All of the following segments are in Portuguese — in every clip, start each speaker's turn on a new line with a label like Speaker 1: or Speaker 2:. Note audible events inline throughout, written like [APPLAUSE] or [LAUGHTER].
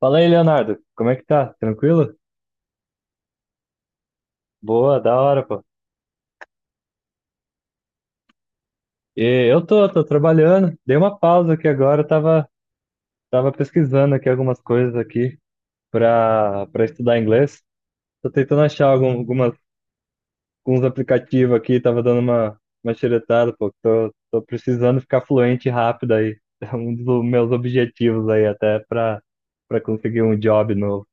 Speaker 1: Fala aí, Leonardo. Como é que tá? Tranquilo? Boa, da hora, pô. E eu tô trabalhando. Dei uma pausa aqui agora, tava pesquisando aqui algumas coisas aqui pra estudar inglês. Tô tentando achar algumas, alguns aplicativos aqui, tava dando uma xeretada, pô. Tô precisando ficar fluente rápido aí. [LAUGHS] É um dos meus objetivos aí, pra conseguir um job novo.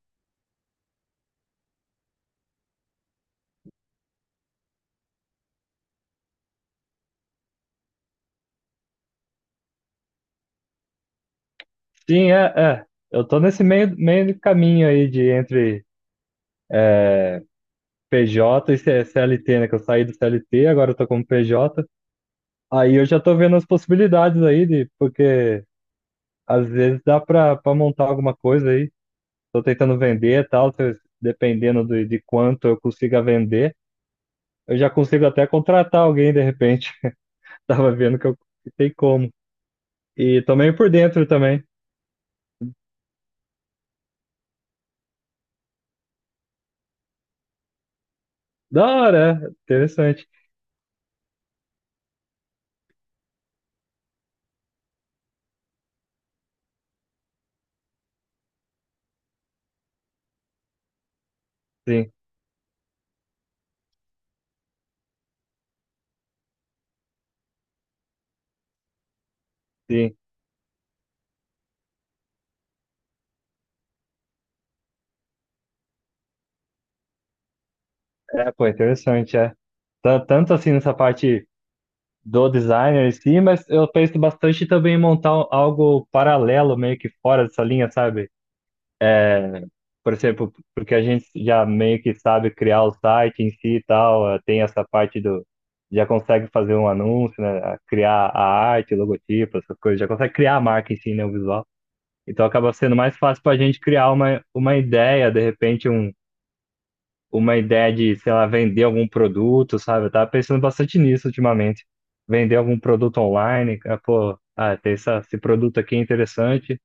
Speaker 1: Sim, é. Eu tô nesse meio de caminho aí de entre é, PJ e CLT, né? Que eu saí do CLT, agora eu tô como PJ. Aí eu já tô vendo as possibilidades aí, de, porque às vezes dá pra montar alguma coisa aí. Tô tentando vender e tal, se eu- dependendo de quanto eu consiga vender, eu já consigo até contratar alguém de repente. [LAUGHS] Tava vendo que tem como. E tô meio por dentro também. Da hora, é. Interessante. Sim, sim. É, pô, interessante, é. Tanto assim nessa parte do designer em si, mas eu penso bastante também em montar algo paralelo, meio que fora dessa linha, sabe? Por exemplo, porque a gente já meio que sabe criar o site em si e tal, tem essa parte do. Já consegue fazer um anúncio, né? Criar a arte, logotipo, essas coisas, já consegue criar a marca em si, né? O visual. Então acaba sendo mais fácil para a gente criar uma ideia, de repente, uma ideia de, sei lá, vender algum produto, sabe? Eu tava pensando bastante nisso ultimamente. Vender algum produto online, ah, pô, ah, tem esse produto aqui é interessante,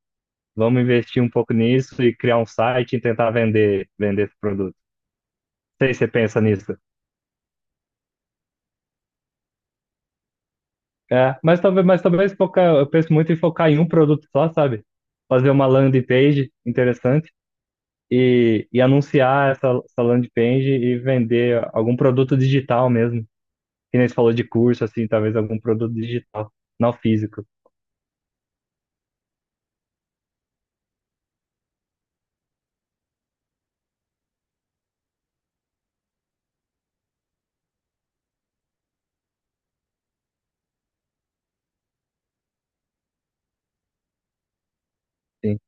Speaker 1: vamos investir um pouco nisso e criar um site e tentar vender esse produto. Não sei se você pensa nisso. É, mas talvez focar, eu penso muito em focar em um produto só, sabe? Fazer uma landing page interessante e anunciar essa landing page e vender algum produto digital mesmo. Que nem você falou de curso, assim, talvez algum produto digital, não físico. Sim.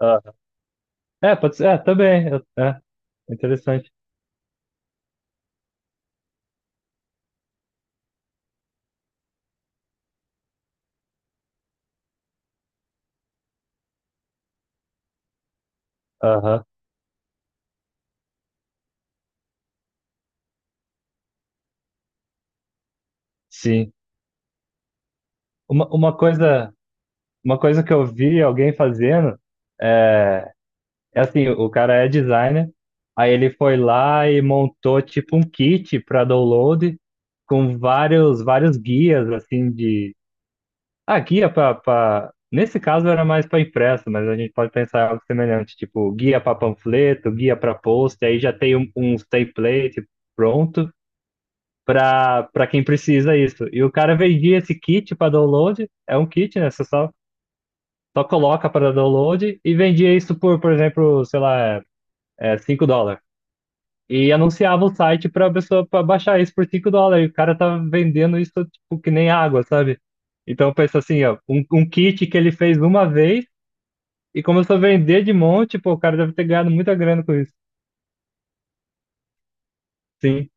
Speaker 1: Ah, é, pode ser, é, também, interessante. Aham, sim. Uma, uma coisa, uma coisa que eu vi alguém fazendo é, é assim, o cara é designer, aí ele foi lá e montou tipo um kit para download com vários guias, assim, de aqui guia para. Nesse caso era mais para impresso, mas a gente pode pensar em algo semelhante, tipo guia para panfleto, guia para post, aí já tem uns template pronto para quem precisa isso. E o cara vendia esse kit para download, é um kit, né? Você só, só coloca para download e vendia isso por exemplo, sei lá, é, 5 dólares. E anunciava o site para a pessoa para baixar isso por 5 dólares. E o cara tá vendendo isso tipo que nem água, sabe? Então pensa assim, ó, um kit que ele fez uma vez e começou a vender de monte, pô, o cara deve ter ganhado muita grana com isso. Sim,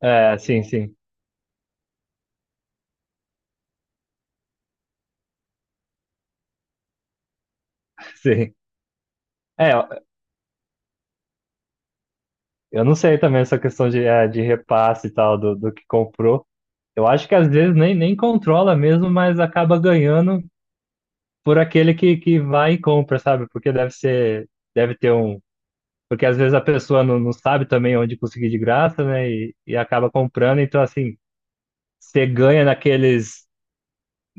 Speaker 1: é, sim, sim, [LAUGHS] sim. É, eu não sei também essa questão de, é, de repasse e tal, do que comprou. Eu acho que às vezes nem controla mesmo, mas acaba ganhando por aquele que vai e compra, sabe? Porque deve ser, deve ter um. Porque às vezes a pessoa não sabe também onde conseguir de graça, né? E acaba comprando, então assim, você ganha naqueles.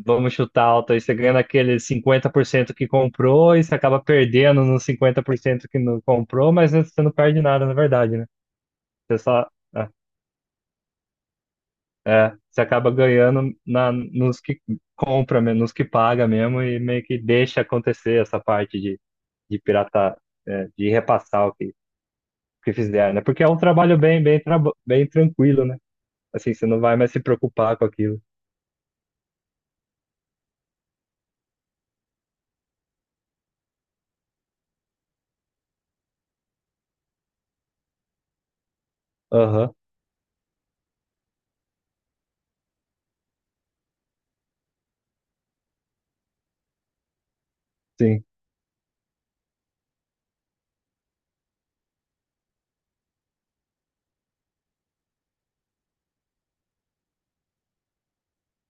Speaker 1: Vamos chutar alto aí. Você ganha naquele 50% que comprou e você acaba perdendo nos 50% que não comprou, mas né, você não perde nada, na verdade, né? Você só. É, é, você acaba ganhando nos que compra, mesmo, nos que paga mesmo, e meio que deixa acontecer essa parte de piratar é, de repassar que fizer, né? Porque é um trabalho bem, bem, bem tranquilo, né? Assim, você não vai mais se preocupar com aquilo. Aham, sim.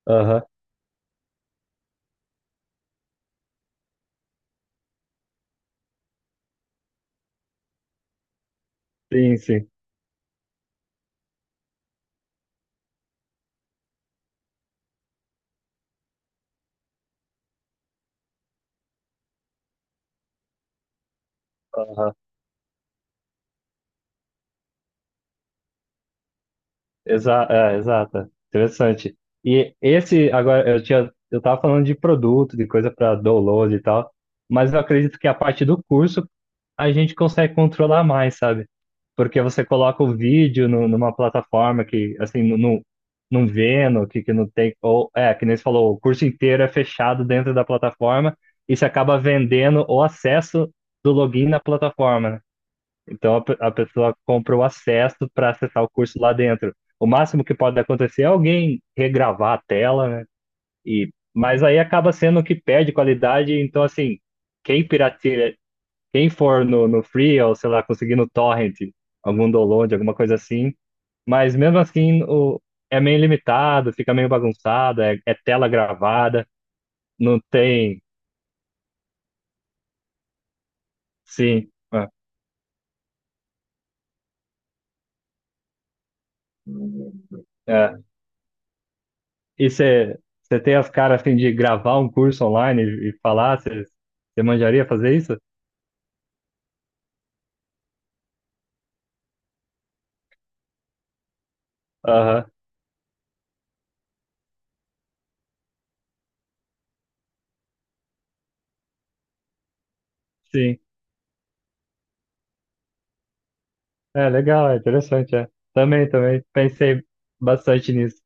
Speaker 1: Aham, sim, sim. Aham. Exata. Interessante. E esse, agora, eu tava falando de produto, de coisa para download e tal, mas eu acredito que a parte do curso a gente consegue controlar mais, sabe? Porque você coloca o vídeo numa plataforma que, assim, não vendo, que não tem, ou, é, que nem você falou, o curso inteiro é fechado dentro da plataforma e você acaba vendendo o acesso do login na plataforma, né? Então a pessoa compra o acesso para acessar o curso lá dentro. O máximo que pode acontecer é alguém regravar a tela, né? E, mas aí acaba sendo que perde qualidade. Então, assim, quem pirateia, quem for no Free ou sei lá, conseguir no Torrent, algum download, alguma coisa assim. Mas mesmo assim, o, é meio limitado, fica meio bagunçado, é, é tela gravada, não tem. Sim, é, é. E você tem as caras assim de gravar um curso online e falar? Você manjaria fazer isso? Aham, sim. É legal, é interessante, é. Também, também. Pensei bastante nisso.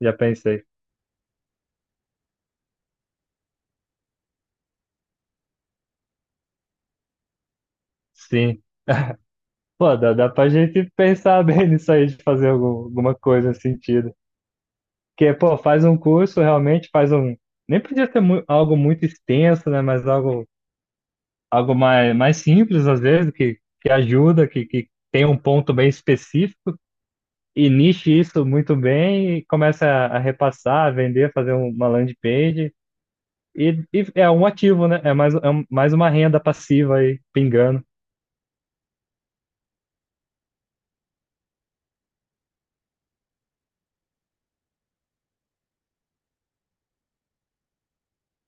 Speaker 1: Já pensei. Sim. Pô, dá pra gente pensar [LAUGHS] bem nisso aí, de fazer alguma coisa nesse sentido. Porque, pô, faz um curso, realmente faz um. Nem podia ser algo muito extenso, né? Mas algo, algo mais simples, às vezes, que ajuda, que tem um ponto bem específico e niche isso muito bem e começa a repassar, a vender, fazer uma landing page. E é um ativo, né? É mais, é mais uma renda passiva aí, pingando.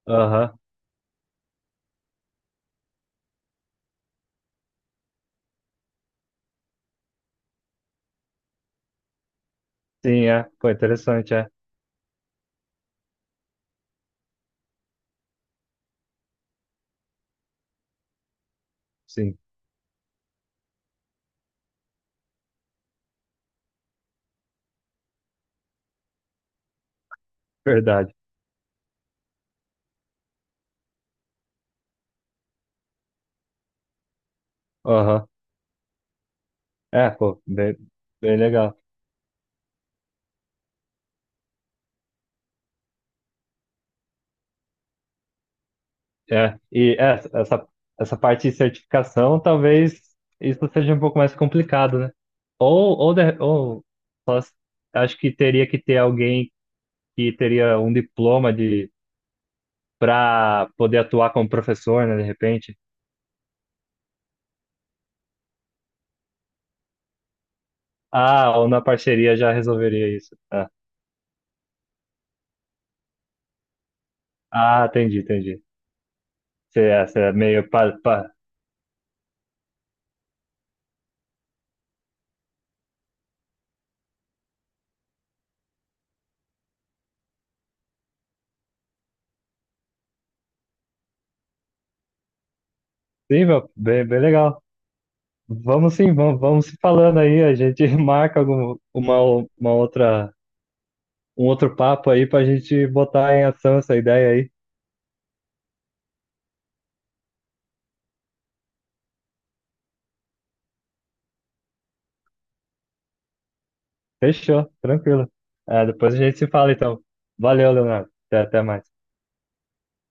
Speaker 1: Aham, sim, é. Pô, interessante, é. Sim, verdade. Aham. É, pô, bem, bem legal. E é, essa, essa parte de certificação, talvez isso seja um pouco mais complicado, né? Ou, de- ou só- Acho que teria que ter alguém que teria um diploma de para poder atuar como professor, né, de repente. Ah, ou na parceria já resolveria isso. Ah, ah, entendi, entendi. Você é meio pa, pa... Sim, meu, bem, bem legal. Vamos sim, vamos se falando aí, a gente [LAUGHS] marca uma outra, um outro papo aí pra gente botar em ação essa ideia aí. Fechou, tranquilo. É, depois a gente se fala então. Valeu, Leonardo. Até mais.